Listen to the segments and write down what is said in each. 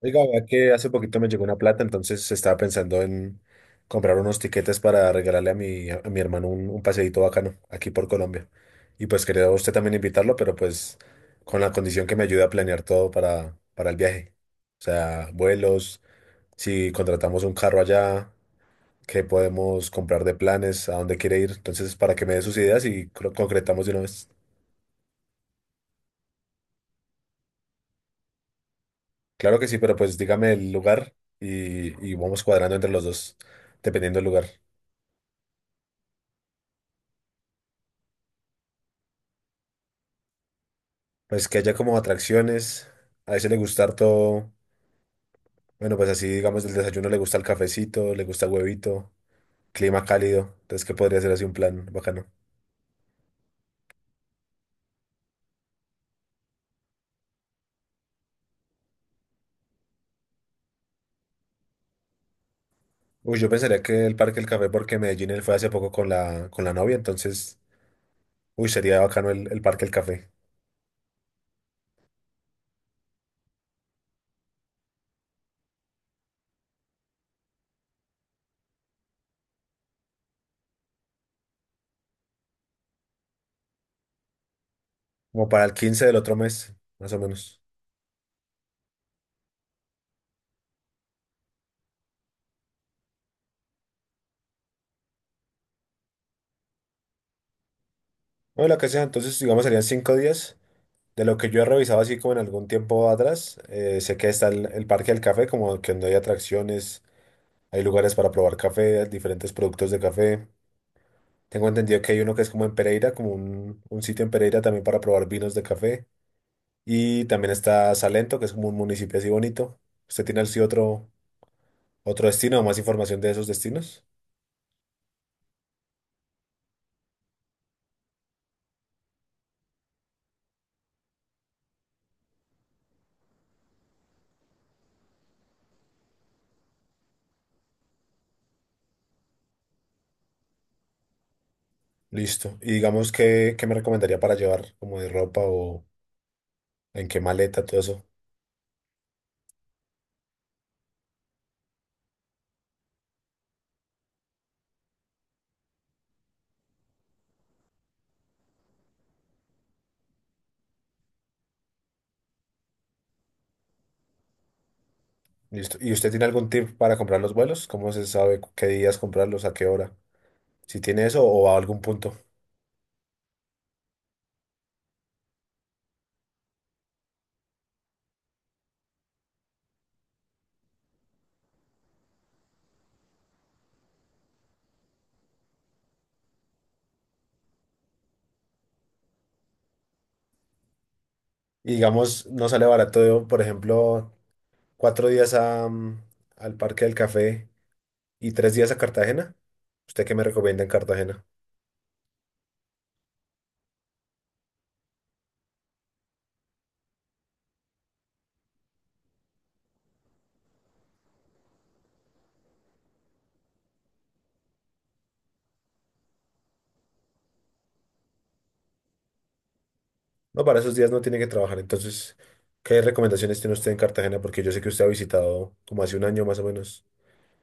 Oiga, vea que hace poquito me llegó una plata, entonces estaba pensando en comprar unos tiquetes para regalarle a mi hermano un paseíto bacano aquí por Colombia. Y pues quería a usted también invitarlo, pero pues con la condición que me ayude a planear todo para el viaje. O sea, vuelos, si contratamos un carro allá, qué podemos comprar de planes, ¿a dónde quiere ir? Entonces, para que me dé sus ideas y concretamos de una vez. Claro que sí, pero pues dígame el lugar y vamos cuadrando entre los dos, dependiendo del lugar. Pues que haya como atracciones. A ese le gusta harto, bueno, pues así digamos del desayuno le gusta el cafecito, le gusta el huevito, clima cálido. Entonces, ¿que podría ser así un plan bacano? Uy, yo pensaría que el Parque del Café, porque Medellín él fue hace poco con la novia, entonces, uy, sería bacano el Parque del Café. Como para el 15 del otro mes, más o menos. O la que sea, entonces, digamos, serían 5 días. De lo que yo he revisado así como en algún tiempo atrás, sé que está el Parque del Café, como que donde hay atracciones. Hay lugares para probar café, diferentes productos de café. Tengo entendido que hay uno que es como en Pereira, como un sitio en Pereira también para probar vinos de café. Y también está Salento, que es como un municipio así bonito. ¿Usted tiene así otro destino o más información de esos destinos? Listo. Y digamos, ¿qué me recomendaría para llevar como de ropa o en qué maleta, todo eso? Listo. ¿Y usted tiene algún tip para comprar los vuelos? ¿Cómo se sabe qué días comprarlos, a qué hora? Si tiene eso o a algún punto. Y digamos, no sale barato, por ejemplo. 4 días al Parque del Café y 3 días a Cartagena. ¿Usted qué me recomienda en Cartagena? No, para esos días no tiene que trabajar. Entonces, ¿qué recomendaciones tiene usted en Cartagena? Porque yo sé que usted ha visitado como hace un año más o menos.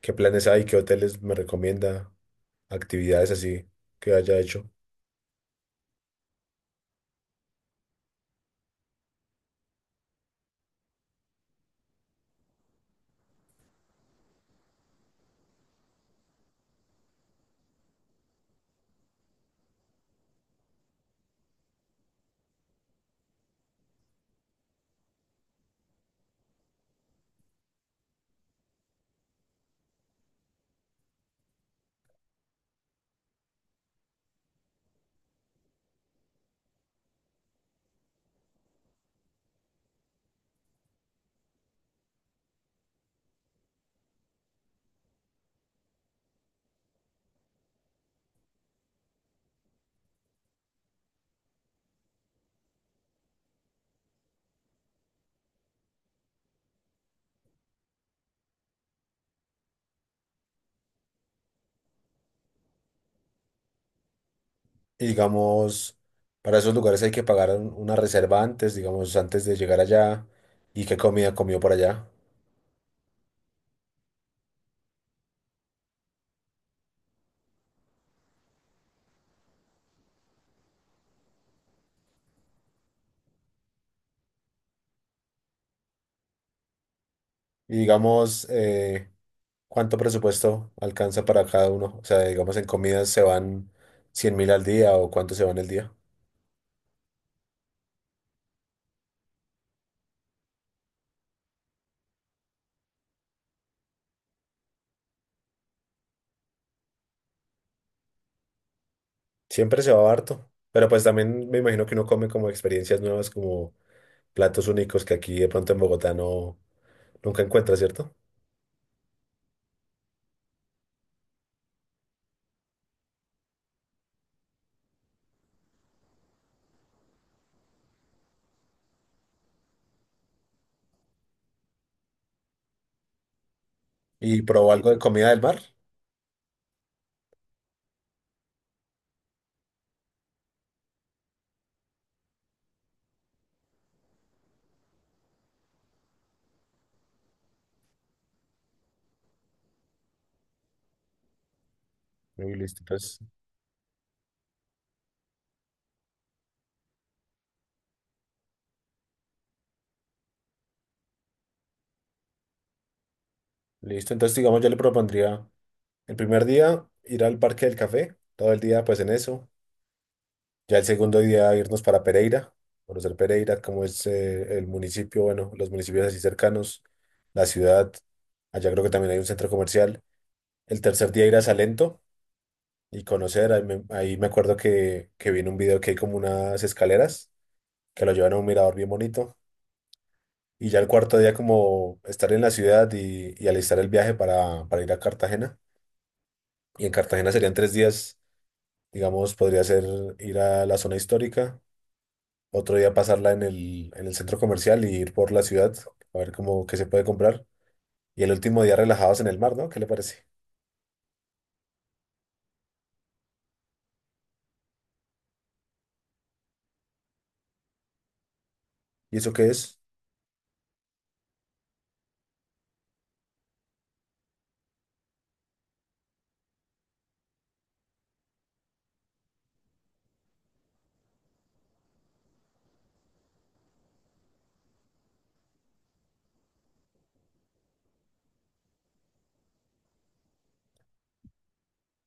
¿Qué planes hay? ¿Qué hoteles me recomienda? Actividades así que haya hecho. Y digamos, para esos lugares hay que pagar una reserva antes, digamos, antes de llegar allá. ¿Y qué comida comió por allá? Y digamos, ¿cuánto presupuesto alcanza para cada uno? O sea, digamos, en comidas se van 100.000 al día o cuánto se van el día. Siempre se va harto, pero pues también me imagino que uno come como experiencias nuevas, como platos únicos que aquí de pronto en Bogotá no nunca encuentra, ¿cierto? Y probó algo de comida del mar. Y listo. Entonces, digamos, yo le propondría el primer día ir al Parque del Café, todo el día pues en eso. Ya el segundo día irnos para Pereira, conocer Pereira, cómo es el municipio, bueno, los municipios así cercanos, la ciudad, allá creo que también hay un centro comercial. El tercer día ir a Salento y conocer, ahí me acuerdo que vi en un video que hay como unas escaleras que lo llevan a un mirador bien bonito. Y ya el cuarto día como estar en la ciudad y alistar el viaje para ir a Cartagena. Y en Cartagena serían 3 días, digamos, podría ser ir a la zona histórica otro día pasarla en el centro comercial y ir por la ciudad a ver cómo qué se puede comprar. Y el último día relajados en el mar, ¿no? ¿Qué le parece? ¿Y eso qué es?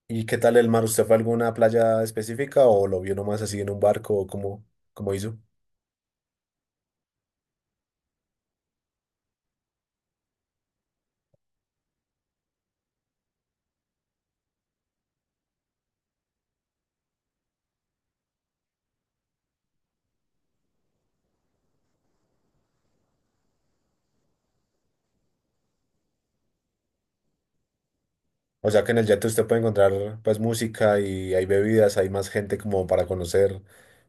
¿Y qué tal el mar? ¿Usted fue a alguna playa específica o lo vio nomás así en un barco o cómo hizo? O sea que en el yate usted puede encontrar pues música y hay bebidas, hay más gente como para conocer,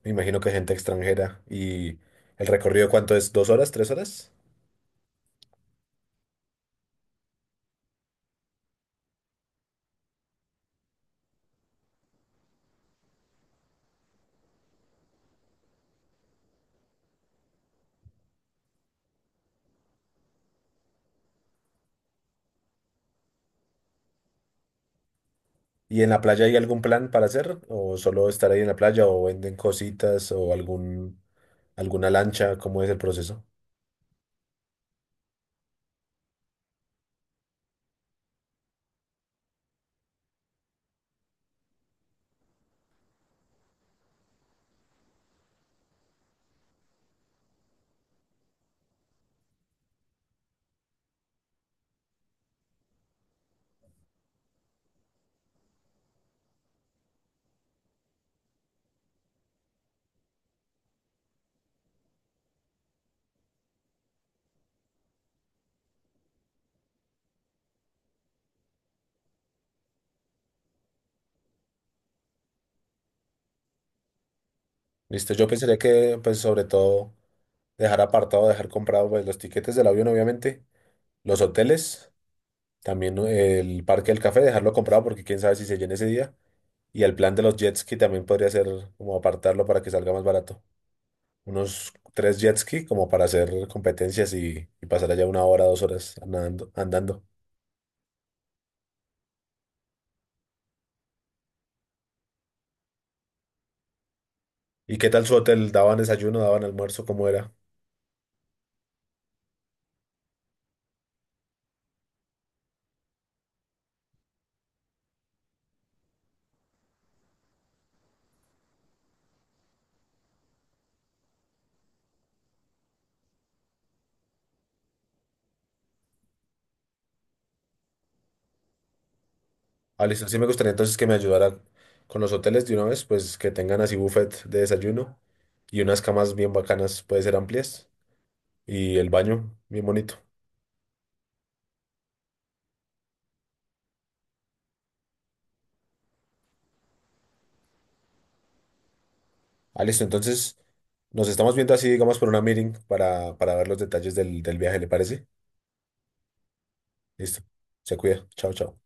me imagino que gente extranjera. ¿Y el recorrido cuánto es? ¿2 horas? ¿3 horas? ¿Y en la playa hay algún plan para hacer? ¿O solo estar ahí en la playa o venden cositas o algún alguna lancha, cómo es el proceso? Listo, yo pensaría que, pues, sobre todo, dejar apartado, dejar comprado, pues, los tiquetes del avión, obviamente, los hoteles, también ¿no? El parque del café, dejarlo comprado porque quién sabe si se llena ese día. Y el plan de los jet ski también podría ser como apartarlo para que salga más barato. Unos 3 jet ski como para hacer competencias y pasar allá 1 hora, 2 horas andando. ¿Y qué tal su hotel? ¿Daban desayuno, daban almuerzo? ¿Cómo era? Ah, listo. Sí me gustaría entonces que me ayudara con los hoteles de una vez, pues que tengan así buffet de desayuno y unas camas bien bacanas, puede ser amplias, y el baño bien bonito. Ah, listo. Entonces nos estamos viendo así, digamos, por una meeting para ver los detalles del viaje, ¿le parece? Listo. Se cuida. Chao, chao.